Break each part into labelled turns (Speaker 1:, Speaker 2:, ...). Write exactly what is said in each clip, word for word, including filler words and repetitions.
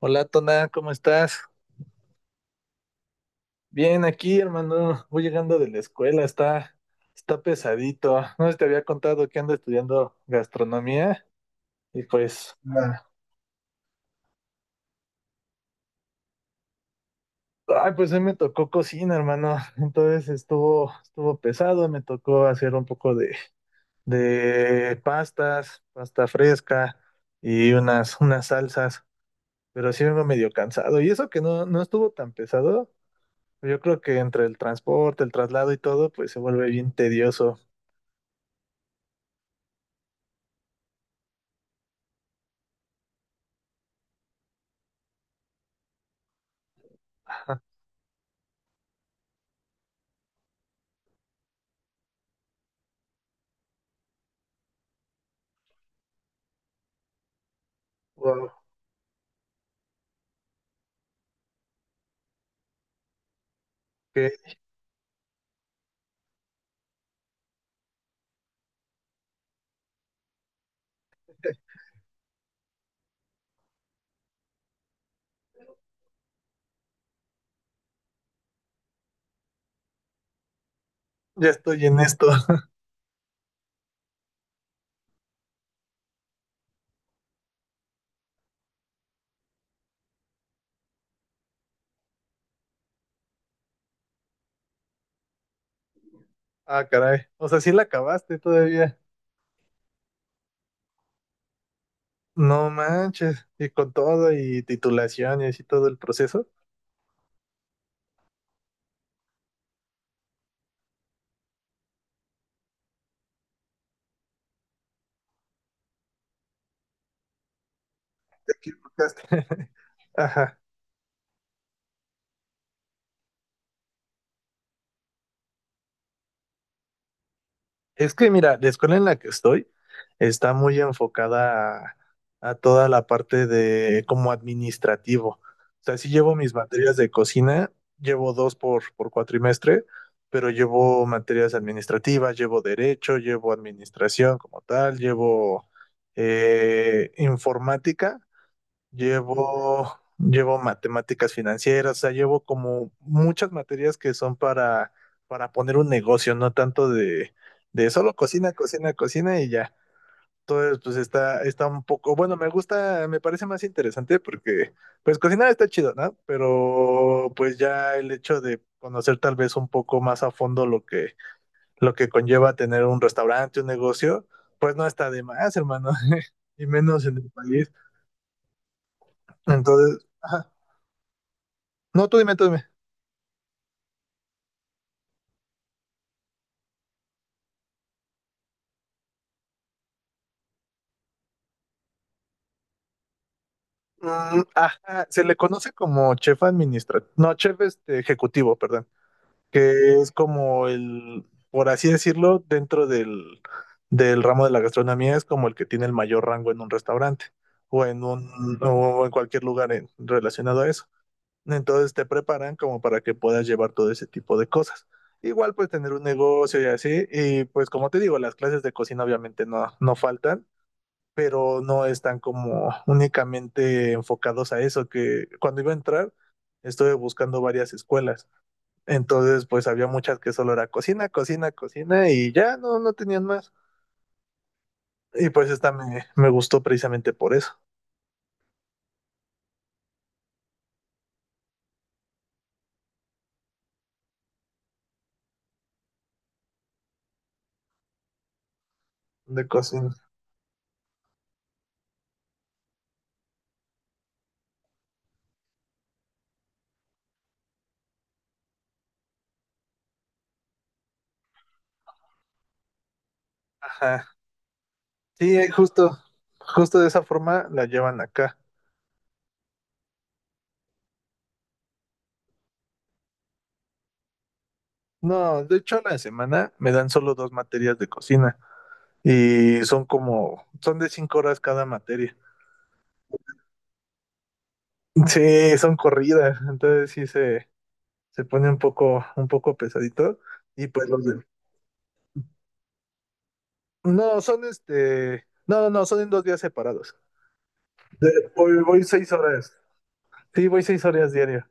Speaker 1: Hola, Tona, ¿cómo estás? Bien, aquí, hermano. Voy llegando de la escuela, está, está pesadito. No sé si te había contado que ando estudiando gastronomía y pues, ah, ay, pues hoy me tocó cocina, hermano. Entonces estuvo, estuvo pesado, me tocó hacer un poco de, de pastas, pasta fresca y unas, unas salsas, pero sí vengo medio cansado. Y eso que no, no estuvo tan pesado, yo creo que entre el transporte, el traslado y todo, pues se vuelve bien tedioso. Ah, wow, que ya estoy en esto. Ah, caray. O sea, sí la acabaste todavía. No manches. Y con todo y titulación y así todo el proceso. Te equivocaste. Ajá. Es que mira, la escuela en la que estoy está muy enfocada a, a toda la parte de como administrativo. O sea, sí llevo mis materias de cocina, llevo dos por, por cuatrimestre, pero llevo materias administrativas, llevo derecho, llevo administración como tal, llevo eh, informática. Llevo, llevo matemáticas financieras, o sea, llevo como muchas materias que son para, para poner un negocio, no tanto de, de solo cocina, cocina, cocina y ya. Entonces, pues está, está un poco, bueno, me gusta, me parece más interesante porque, pues cocinar está chido, ¿no? Pero pues ya el hecho de conocer tal vez un poco más a fondo lo que, lo que conlleva tener un restaurante, un negocio, pues no está de más, hermano, y menos en el país. Entonces, ajá. No, tú dime, tú dime. Mm, ajá, se le conoce como chef administrativo, no, chef este, ejecutivo, perdón, que es como el, por así decirlo, dentro del, del ramo de la gastronomía, es como el que tiene el mayor rango en un restaurante o en un, o en cualquier lugar en- relacionado a eso. Entonces te preparan como para que puedas llevar todo ese tipo de cosas. Igual pues tener un negocio y así, y pues como te digo, las clases de cocina obviamente no, no faltan pero no están como únicamente enfocados a eso, que cuando iba a entrar estuve buscando varias escuelas, entonces pues había muchas que solo era cocina, cocina, cocina y ya no, no tenían más. Y pues esta me, me gustó precisamente por eso, de cocina. Ajá. Sí, eh, justo, justo de esa forma la llevan acá. No, de hecho a la semana me dan solo dos materias de cocina y son como, son de cinco horas cada materia. Sí, son corridas, entonces sí se, se pone un poco, un poco pesadito. Y pues los de... No, son este... no, no, no, son en dos días separados. De- Voy, voy seis horas. Sí, voy seis horas diario.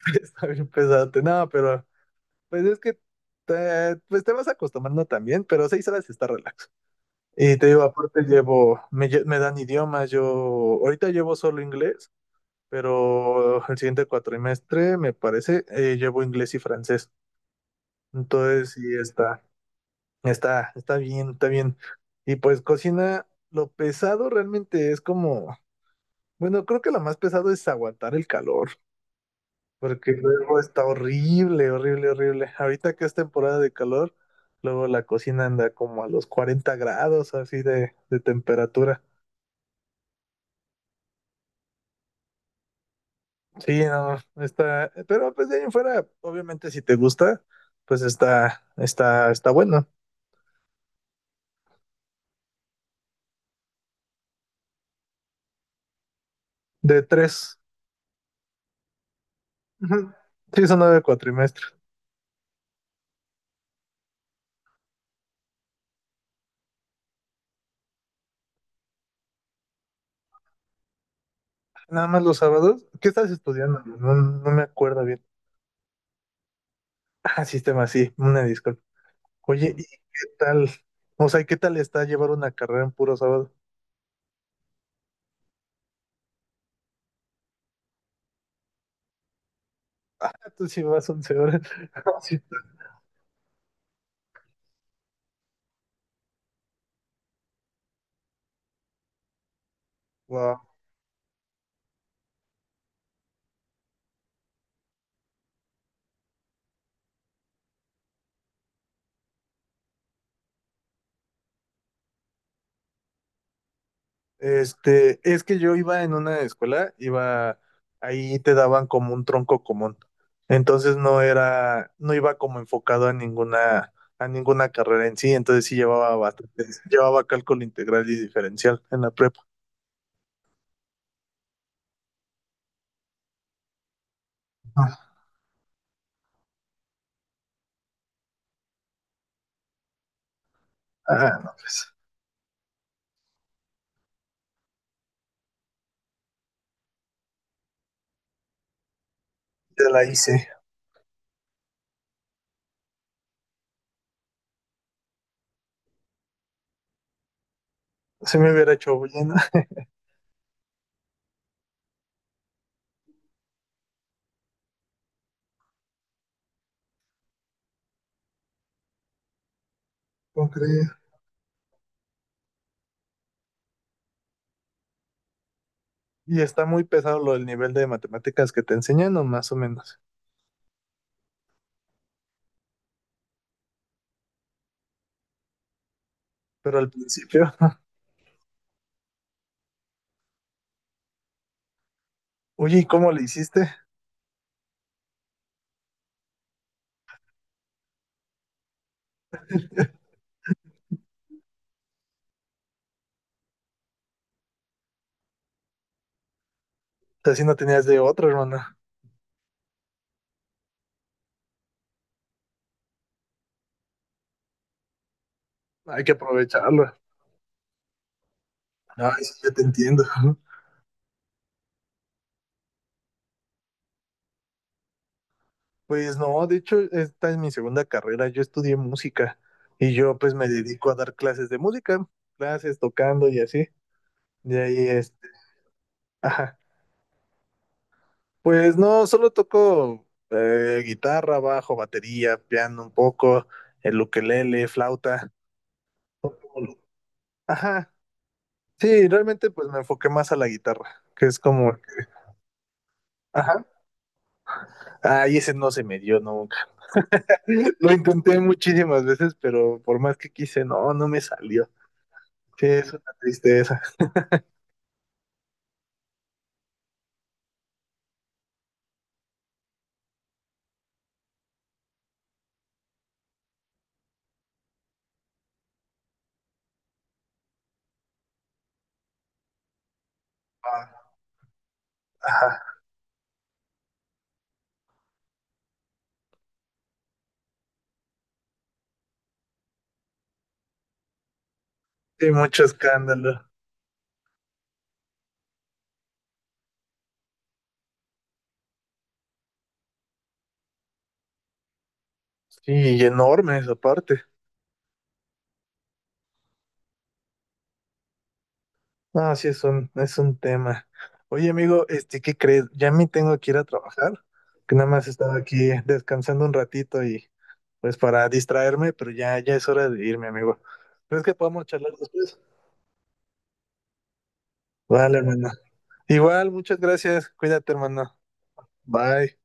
Speaker 1: Está bien pesado. No, pero pues es que te, pues te vas acostumbrando también, pero seis horas está relax. Y te digo, aparte llevo, me, lle- me dan idiomas, yo ahorita llevo solo inglés, pero el siguiente cuatrimestre, me parece, eh, llevo inglés y francés. Entonces, sí está. Está, está bien, está bien. Y pues cocina, lo pesado realmente es como, bueno, creo que lo más pesado es aguantar el calor, porque luego está horrible, horrible, horrible. Ahorita que es temporada de calor, luego la cocina anda como a los cuarenta grados así de, de temperatura. Sí, no, está, pero pues de ahí en fuera, obviamente si te gusta, pues está, está, está bueno. De tres. Ujú. Sí, son nueve cuatrimestres. Nada más los sábados. ¿Qué estás estudiando? No, no me acuerdo bien. Ah, sistema, sí, una disculpa. Oye, ¿y qué tal? O sea, ¿qué tal está llevar una carrera en puro sábado? Ah, tú sí vas once horas. Sí. Tú. Wow. Este, es que yo iba en una escuela, iba, ahí te daban como un tronco común. Entonces no era, no iba como enfocado a ninguna, a ninguna, carrera en sí, entonces sí llevaba bastante, llevaba cálculo integral y diferencial en la prepa. Ah, no, pues. Ya la hice. Se me hubiera hecho bullena, no creo. Y está muy pesado lo del nivel de matemáticas que te enseñan, o más o menos. Pero al principio, oye, ¿y cómo le hiciste? Así no tenías de otra, hermana. Hay que aprovecharlo. Ay, sí, ya te entiendo. Pues no, de hecho, esta es mi segunda carrera. Yo estudié música y yo pues me dedico a dar clases de música, clases tocando y así. De ahí, este, ajá. Pues no, solo toco eh, guitarra, bajo, batería, piano un poco, el ukelele, flauta. Ajá, sí, realmente pues me enfoqué más a la guitarra, que es como... Ajá. Ay, ese no se me dio nunca. Lo intenté muchísimas veces, pero por más que quise, no, no me salió. Sí, es una tristeza. Ah, ajá, sí, mucho escándalo. Sí, y enormes aparte. No, sí, es un, es un tema. Oye, amigo, este, ¿qué crees? Ya me tengo que ir a trabajar, que nada más estaba aquí descansando un ratito y pues para distraerme, pero ya, ya es hora de irme, amigo. ¿Crees que podamos charlar después? Vale, hermano. Igual, muchas gracias. Cuídate, hermano. Bye.